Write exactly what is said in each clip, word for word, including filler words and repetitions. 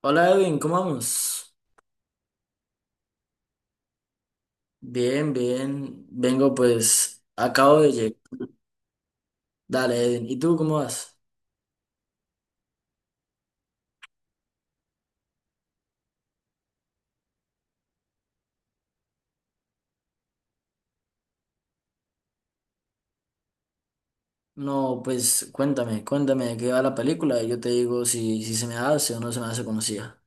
Hola Edwin, ¿cómo vamos? Bien, bien. Vengo pues, acabo de llegar. Dale, Edwin. ¿Y tú cómo vas? No, pues cuéntame, cuéntame de qué va la película y yo te digo si, si se me hace o no se me hace conocida.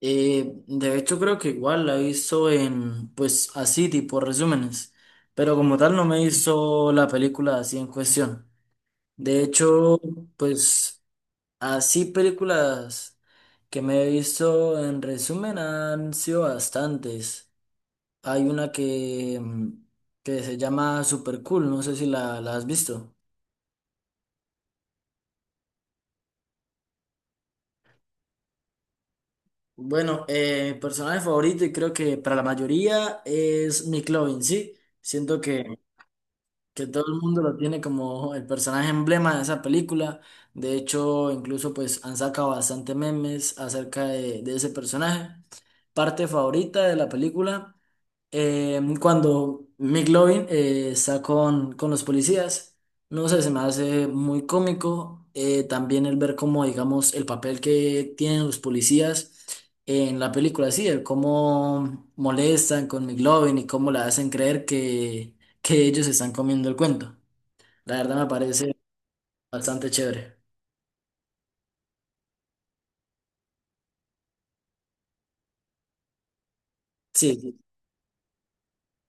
Eh, de hecho creo que igual la he visto en, pues así tipo resúmenes, pero como tal no me hizo la película así en cuestión. De hecho, pues así películas que me he visto en resumen han sido bastantes. Hay una que, mm, que se llama Super Cool, no sé si la, la has visto. Bueno, eh, personaje favorito y creo que para la mayoría es McLovin, ¿sí? Siento que, que todo el mundo lo tiene como el personaje emblema de esa película. De hecho, incluso pues han sacado bastante memes acerca de, de ese personaje. Parte favorita de la película. Eh, cuando McLovin eh, está con, con los policías, no sé, se me hace muy cómico eh, también el ver cómo, digamos, el papel que tienen los policías en la película, sí, el cómo molestan con McLovin y cómo le hacen creer que, que ellos están comiendo el cuento. La verdad me parece bastante chévere. Sí, sí,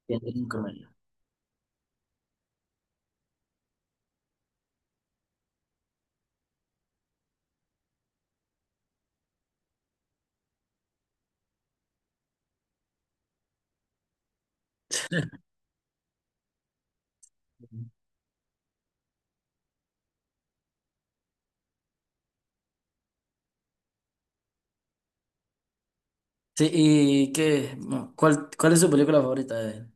tiene un comentario. Sí, ¿y qué? No, ¿cuál, cuál es tu película favorita de él?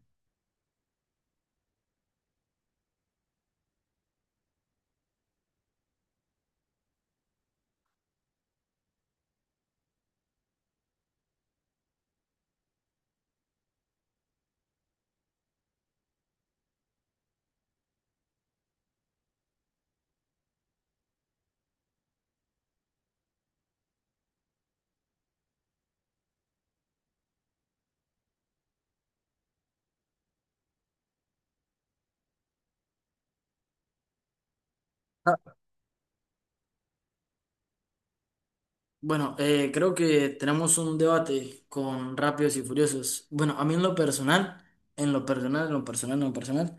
Bueno, eh, creo que tenemos un debate con Rápidos y Furiosos. Bueno, a mí en lo personal, en lo personal, en lo personal, en lo personal,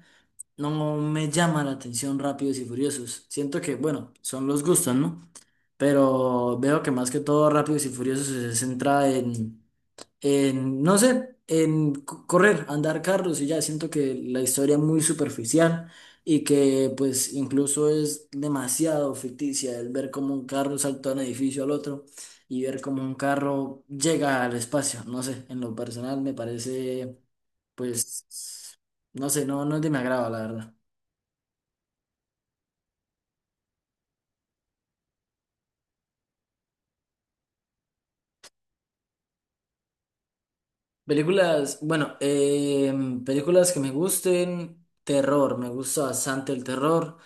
no me llama la atención Rápidos y Furiosos. Siento que, bueno, son los gustos, ¿no? Pero veo que más que todo Rápidos y Furiosos se centra en en, no sé, en c- correr, andar carros y ya siento que la historia es muy superficial y que pues incluso es demasiado ficticia el ver cómo un carro saltó de un edificio al otro y ver cómo un carro llega al espacio, no sé, en lo personal me parece pues, no sé, no, no es de mi agrado, la verdad. Películas, bueno, em, películas que me gusten, terror, me gusta bastante el terror.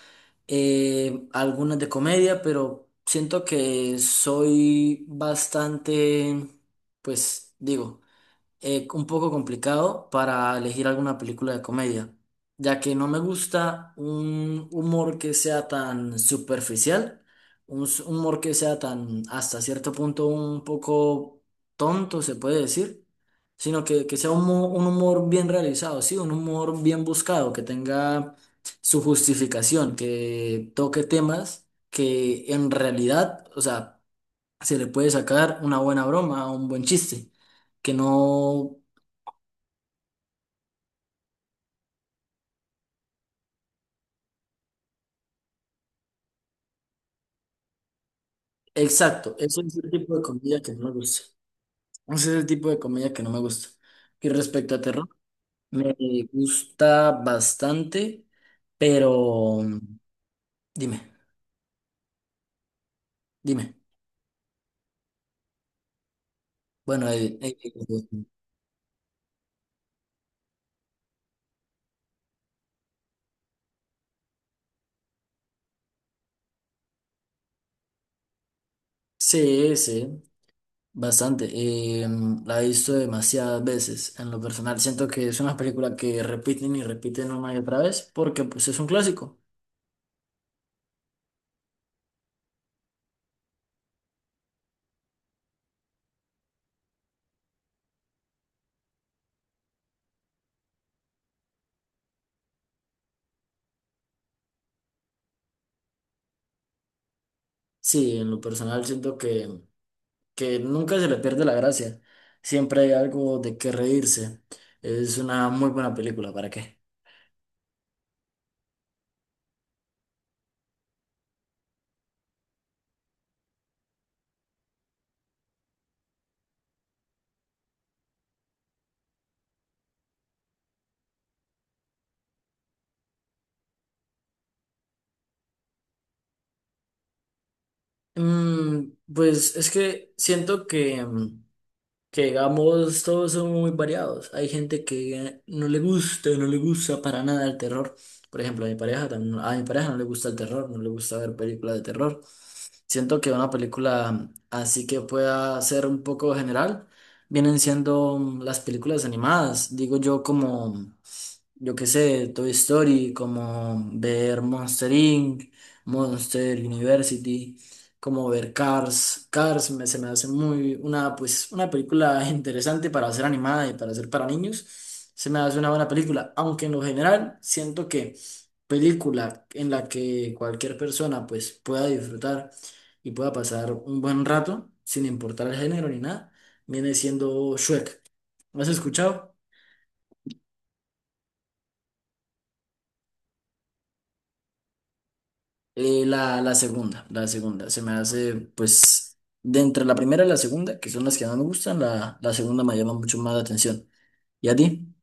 eh, Algunas de comedia, pero siento que soy bastante, pues digo, eh, un poco complicado para elegir alguna película de comedia, ya que no me gusta un humor que sea tan superficial, un s- un humor que sea tan hasta cierto punto un poco tonto, se puede decir, sino que, que sea un, mo- un humor bien realizado, sí, un humor bien buscado, que tenga su justificación, que toque temas que en realidad, o sea, se le puede sacar una buena broma, un buen chiste que no. Exacto, ese es el tipo de comedia que no me gusta. Ese es el tipo de comedia que no me gusta. Y respecto a terror, me gusta bastante, pero dime, dime. Bueno, eh, eh, eh, sí, sí, bastante. Eh, la he visto demasiadas veces. En lo personal, siento que es una película que repiten y repiten una y otra vez porque pues es un clásico. Sí, en lo personal siento que que nunca se le pierde la gracia. Siempre hay algo de qué reírse. Es una muy buena película, ¿para qué? Mm, pues es que siento que, mm, que, digamos, todos son muy variados. Hay gente que no le gusta, no le gusta para nada el terror. Por ejemplo, a mi pareja, tam- a mi pareja no le gusta el terror, no le gusta ver películas de terror. Siento que una película así que pueda ser un poco general, vienen siendo mm, las películas animadas, digo yo como, mm, yo qué sé, Toy Story, como ver Monster inc, Monster University, como ver Cars. Cars me- se me hace muy una, pues, una película interesante para ser animada y para ser para niños. Se me hace una buena película, aunque en lo general siento que película en la que cualquier persona pues pueda disfrutar y pueda pasar un buen rato, sin importar el género ni nada, viene siendo Shrek. ¿Lo has escuchado? Eh, la, la segunda, la segunda. Se me hace, pues, de entre la primera y la segunda, que son las que más me gustan, la, la segunda me llama mucho más la atención. ¿Y a ti?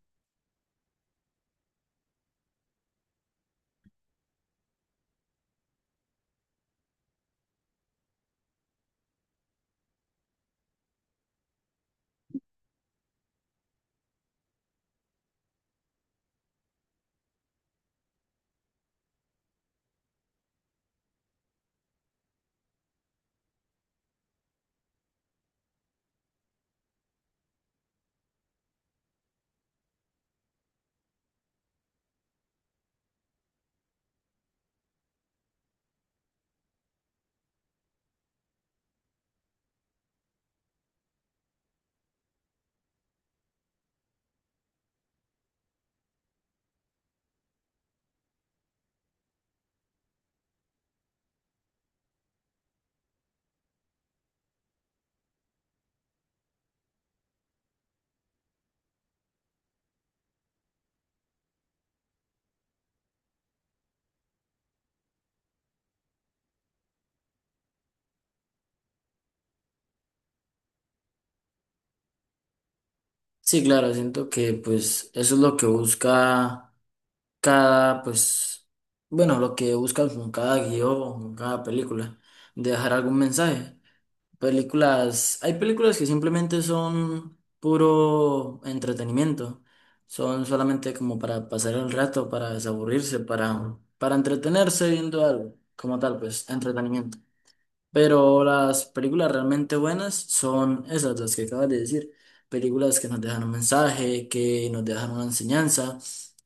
Sí, claro, siento que, pues, eso es lo que busca cada, pues, bueno, lo que buscan con cada guión, con cada película, dejar algún mensaje. Películas, hay películas que simplemente son puro entretenimiento, son solamente como para pasar el rato, para desaburrirse, para, para entretenerse viendo algo, como tal, pues, entretenimiento. Pero las películas realmente buenas son esas, las que acabas de decir. Películas que nos dejan un mensaje, que nos dejan una enseñanza,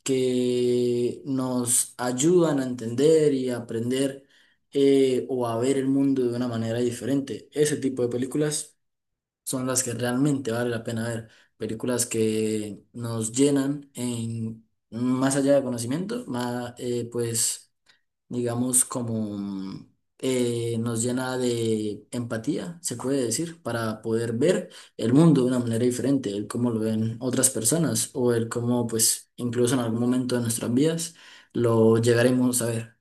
que nos ayudan a entender y a aprender eh, o a ver el mundo de una manera diferente. Ese tipo de películas son las que realmente vale la pena ver. Películas que nos llenan en más allá de conocimiento, más, eh, pues digamos, como eh, nos llena de empatía, se puede decir, para poder ver el mundo de una manera diferente, el cómo lo ven otras personas o el cómo, pues, incluso en algún momento de nuestras vidas lo llegaremos a ver.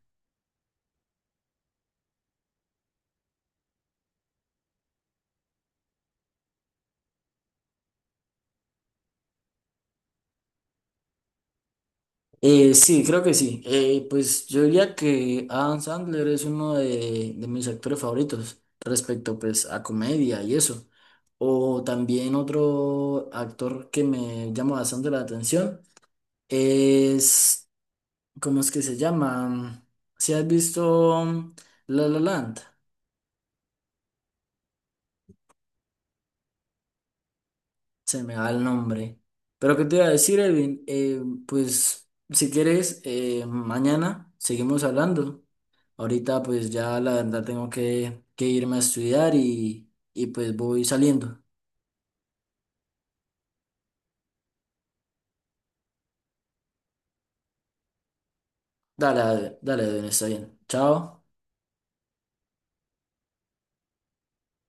Eh, sí, creo que sí. Eh, pues yo diría que Adam Sandler es uno de, de mis actores favoritos respecto pues a comedia y eso. O también otro actor que me llama bastante la atención es ¿cómo es que se llama? Si has visto La La Land, se me va el nombre. Pero qué te iba a decir, Evin. Eh, pues si quieres, eh, mañana seguimos hablando. Ahorita pues ya la verdad tengo que, que irme a estudiar y, y pues voy saliendo. Dale, dale, dale, Edwin, está bien. Chao.